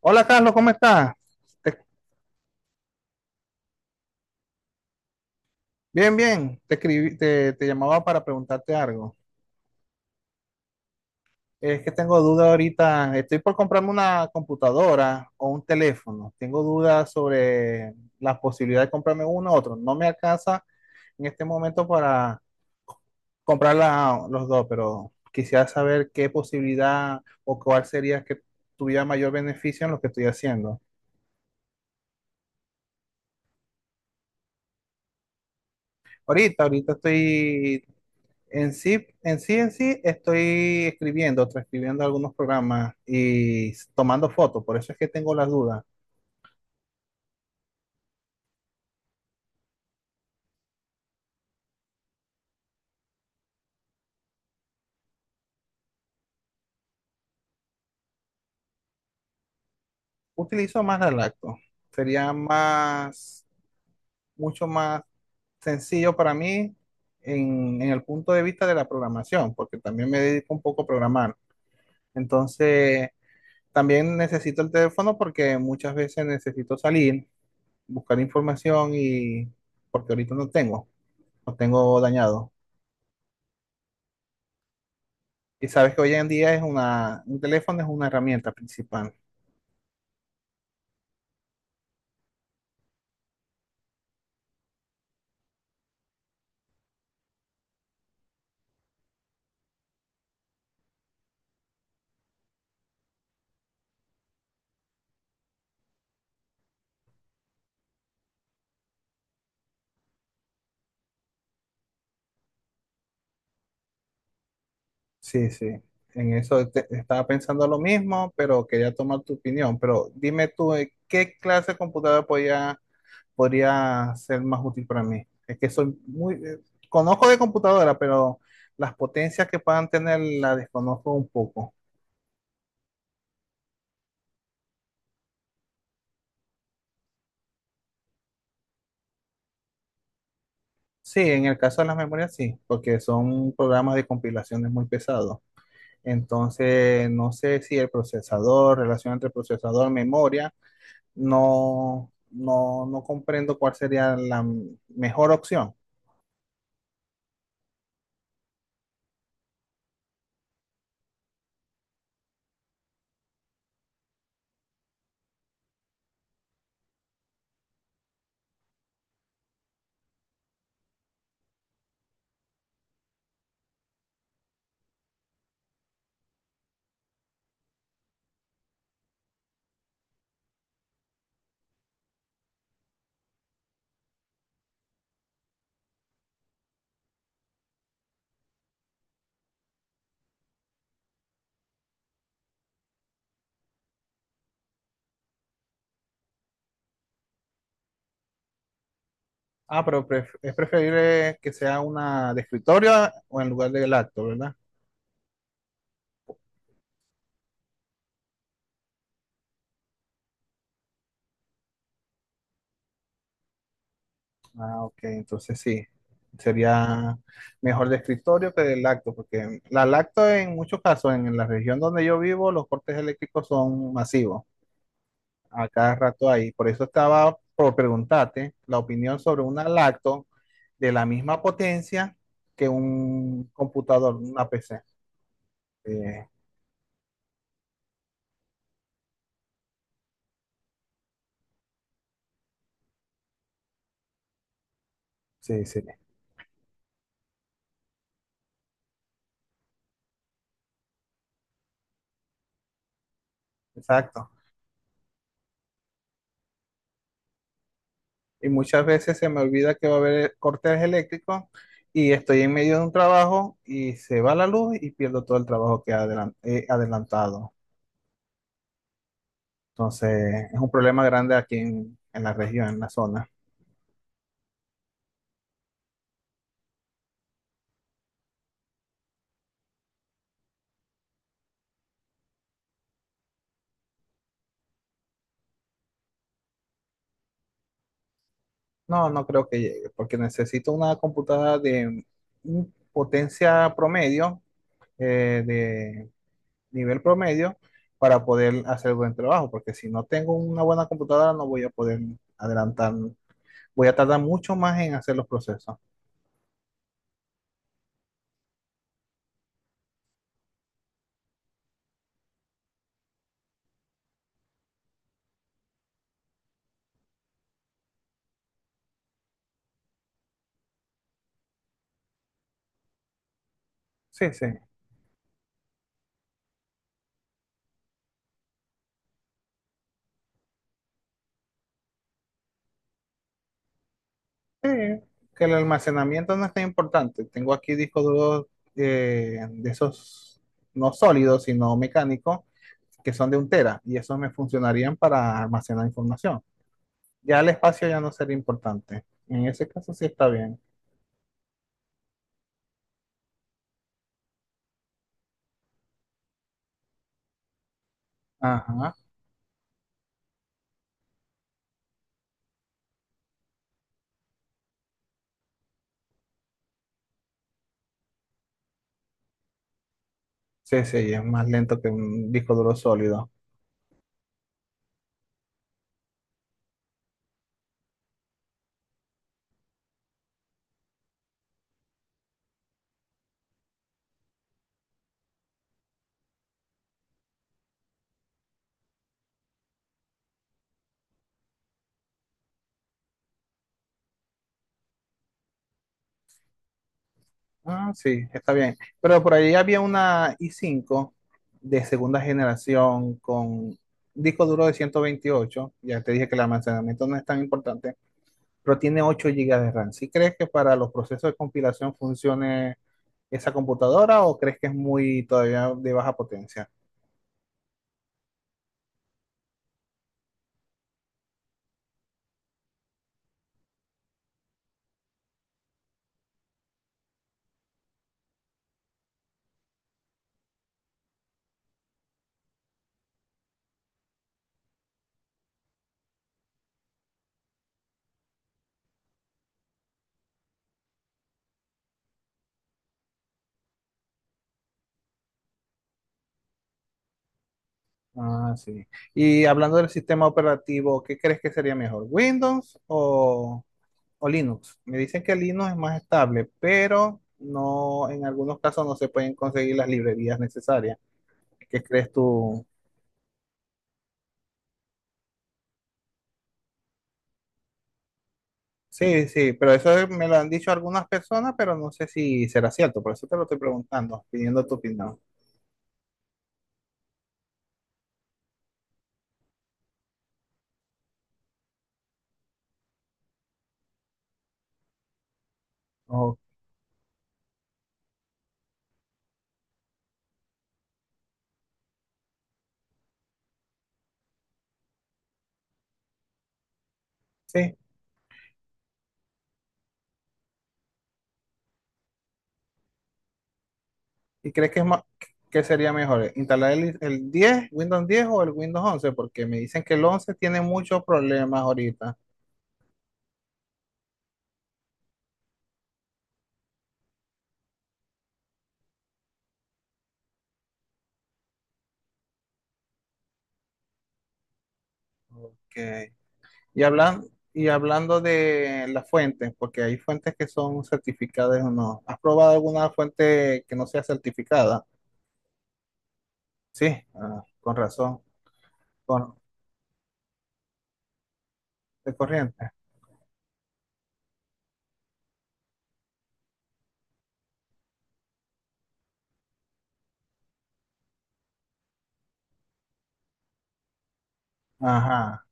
Hola, Carlos, ¿cómo estás? Te- bien, bien. Te escribí, te llamaba para preguntarte algo. Es que tengo duda ahorita. Estoy por comprarme una computadora o un teléfono. Tengo dudas sobre la posibilidad de comprarme uno u otro. No me alcanza en este momento para comprar la- los dos, pero quisiera saber qué posibilidad o cuál sería que tuviera mayor beneficio en lo que estoy haciendo. Ahorita, ahorita estoy. En sí, estoy escribiendo, transcribiendo algunos programas y s- tomando fotos, por eso es que tengo las dudas. Utilizo más la lacto. Sería más, mucho más sencillo para mí en el punto de vista de la programación, porque también me dedico un poco a programar. Entonces, también necesito el teléfono porque muchas veces necesito salir, buscar información y porque ahorita no tengo, no tengo dañado. Y sabes que hoy en día es una, un teléfono es una herramienta principal. Sí, sí. En eso te- estaba pensando lo mismo, pero quería tomar tu opinión. Pero dime tú, ¿qué clase de computadora podría, podría ser más útil para mí? Es que soy muy, conozco de computadora, pero las potencias que puedan tener las desconozco un poco. Sí, en el caso de las memorias sí, porque son programas de compilaciones muy pesados. Entonces, no sé si el procesador, relación entre procesador, memoria. No comprendo cuál sería la mejor opción. Ah, pero pref- es preferible que sea una de escritorio o en lugar del acto, ¿verdad? Ah, ok, entonces sí, sería mejor de escritorio que del lacto, porque la lacto en muchos casos, en la región donde yo vivo, los cortes eléctricos son masivos, a cada rato ahí. Por eso estaba por preguntarte la opinión sobre una lacto de la misma potencia que un computador, una PC. Sí, sí, sí, exacto. Y muchas veces se me olvida que va a haber cortes eléctricos y estoy en medio de un trabajo y se va la luz y pierdo todo el trabajo que adelan- he adelantado. Entonces, es un problema grande aquí en la región, en la zona. No, no creo que llegue, porque necesito una computadora de un potencia promedio, de nivel promedio, para poder hacer buen trabajo, porque si no tengo una buena computadora no voy a poder adelantar, voy a tardar mucho más en hacer los procesos. Sí, sí. Sí, que el almacenamiento no es tan importante. Tengo aquí discos duros de esos, no sólidos, sino mecánicos, que son de un tera, y esos me funcionarían para almacenar información. Ya el espacio ya no sería importante. En ese caso sí está bien. Ajá. Sí, sí, es más lento que un disco duro sólido. Ah, sí, está bien. Pero por ahí había una i cinco de segunda generación con disco duro de 128. Ya te dije que el almacenamiento no es tan importante, pero tiene 8 gigas de RAM. ¿Sí crees que para los procesos de compilación funcione esa computadora o crees que es muy todavía de baja potencia? Ah, sí. Y hablando del sistema operativo, ¿qué crees que sería mejor, Windows o Linux? Me dicen que Linux es más estable, pero no, en algunos casos no se pueden conseguir las librerías necesarias. ¿Qué crees tú? Sí, sí, pero eso me lo han dicho algunas personas, pero no sé si será cierto, por eso te lo estoy preguntando, pidiendo tu opinión. Ojo, sí, ¿y crees que es más, que sería mejor instalar el 10, Windows 10 o el Windows 11? Porque me dicen que el 11 tiene muchos problemas ahorita. Ok. Y, hablan, y hablando de las fuentes, porque hay fuentes que son certificadas o no. ¿Has probado alguna fuente que no sea certificada? Sí, ah, con razón. Con, de corriente. Ajá,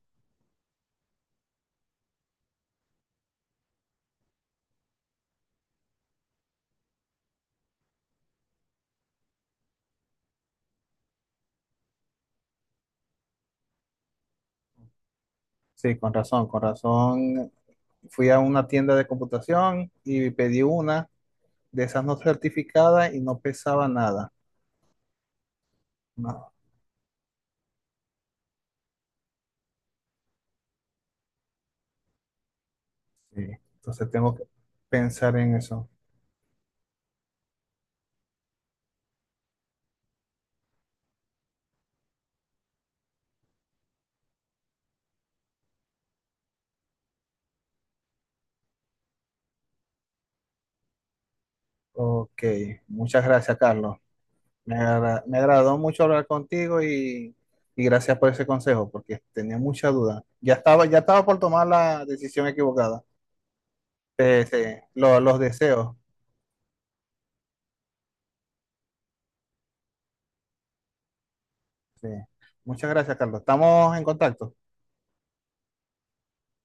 sí, con razón, con razón. Fui a una tienda de computación y pedí una de esas no certificadas y no pesaba nada. No, sí. Entonces tengo que pensar en eso. Ok, muchas gracias, Carlos. Me, agra- me agradó mucho hablar contigo y gracias por ese consejo, porque tenía mucha duda. Ya estaba por tomar la decisión equivocada. Sí, lo- los deseos. Sí. Muchas gracias, Carlos. Estamos en contacto.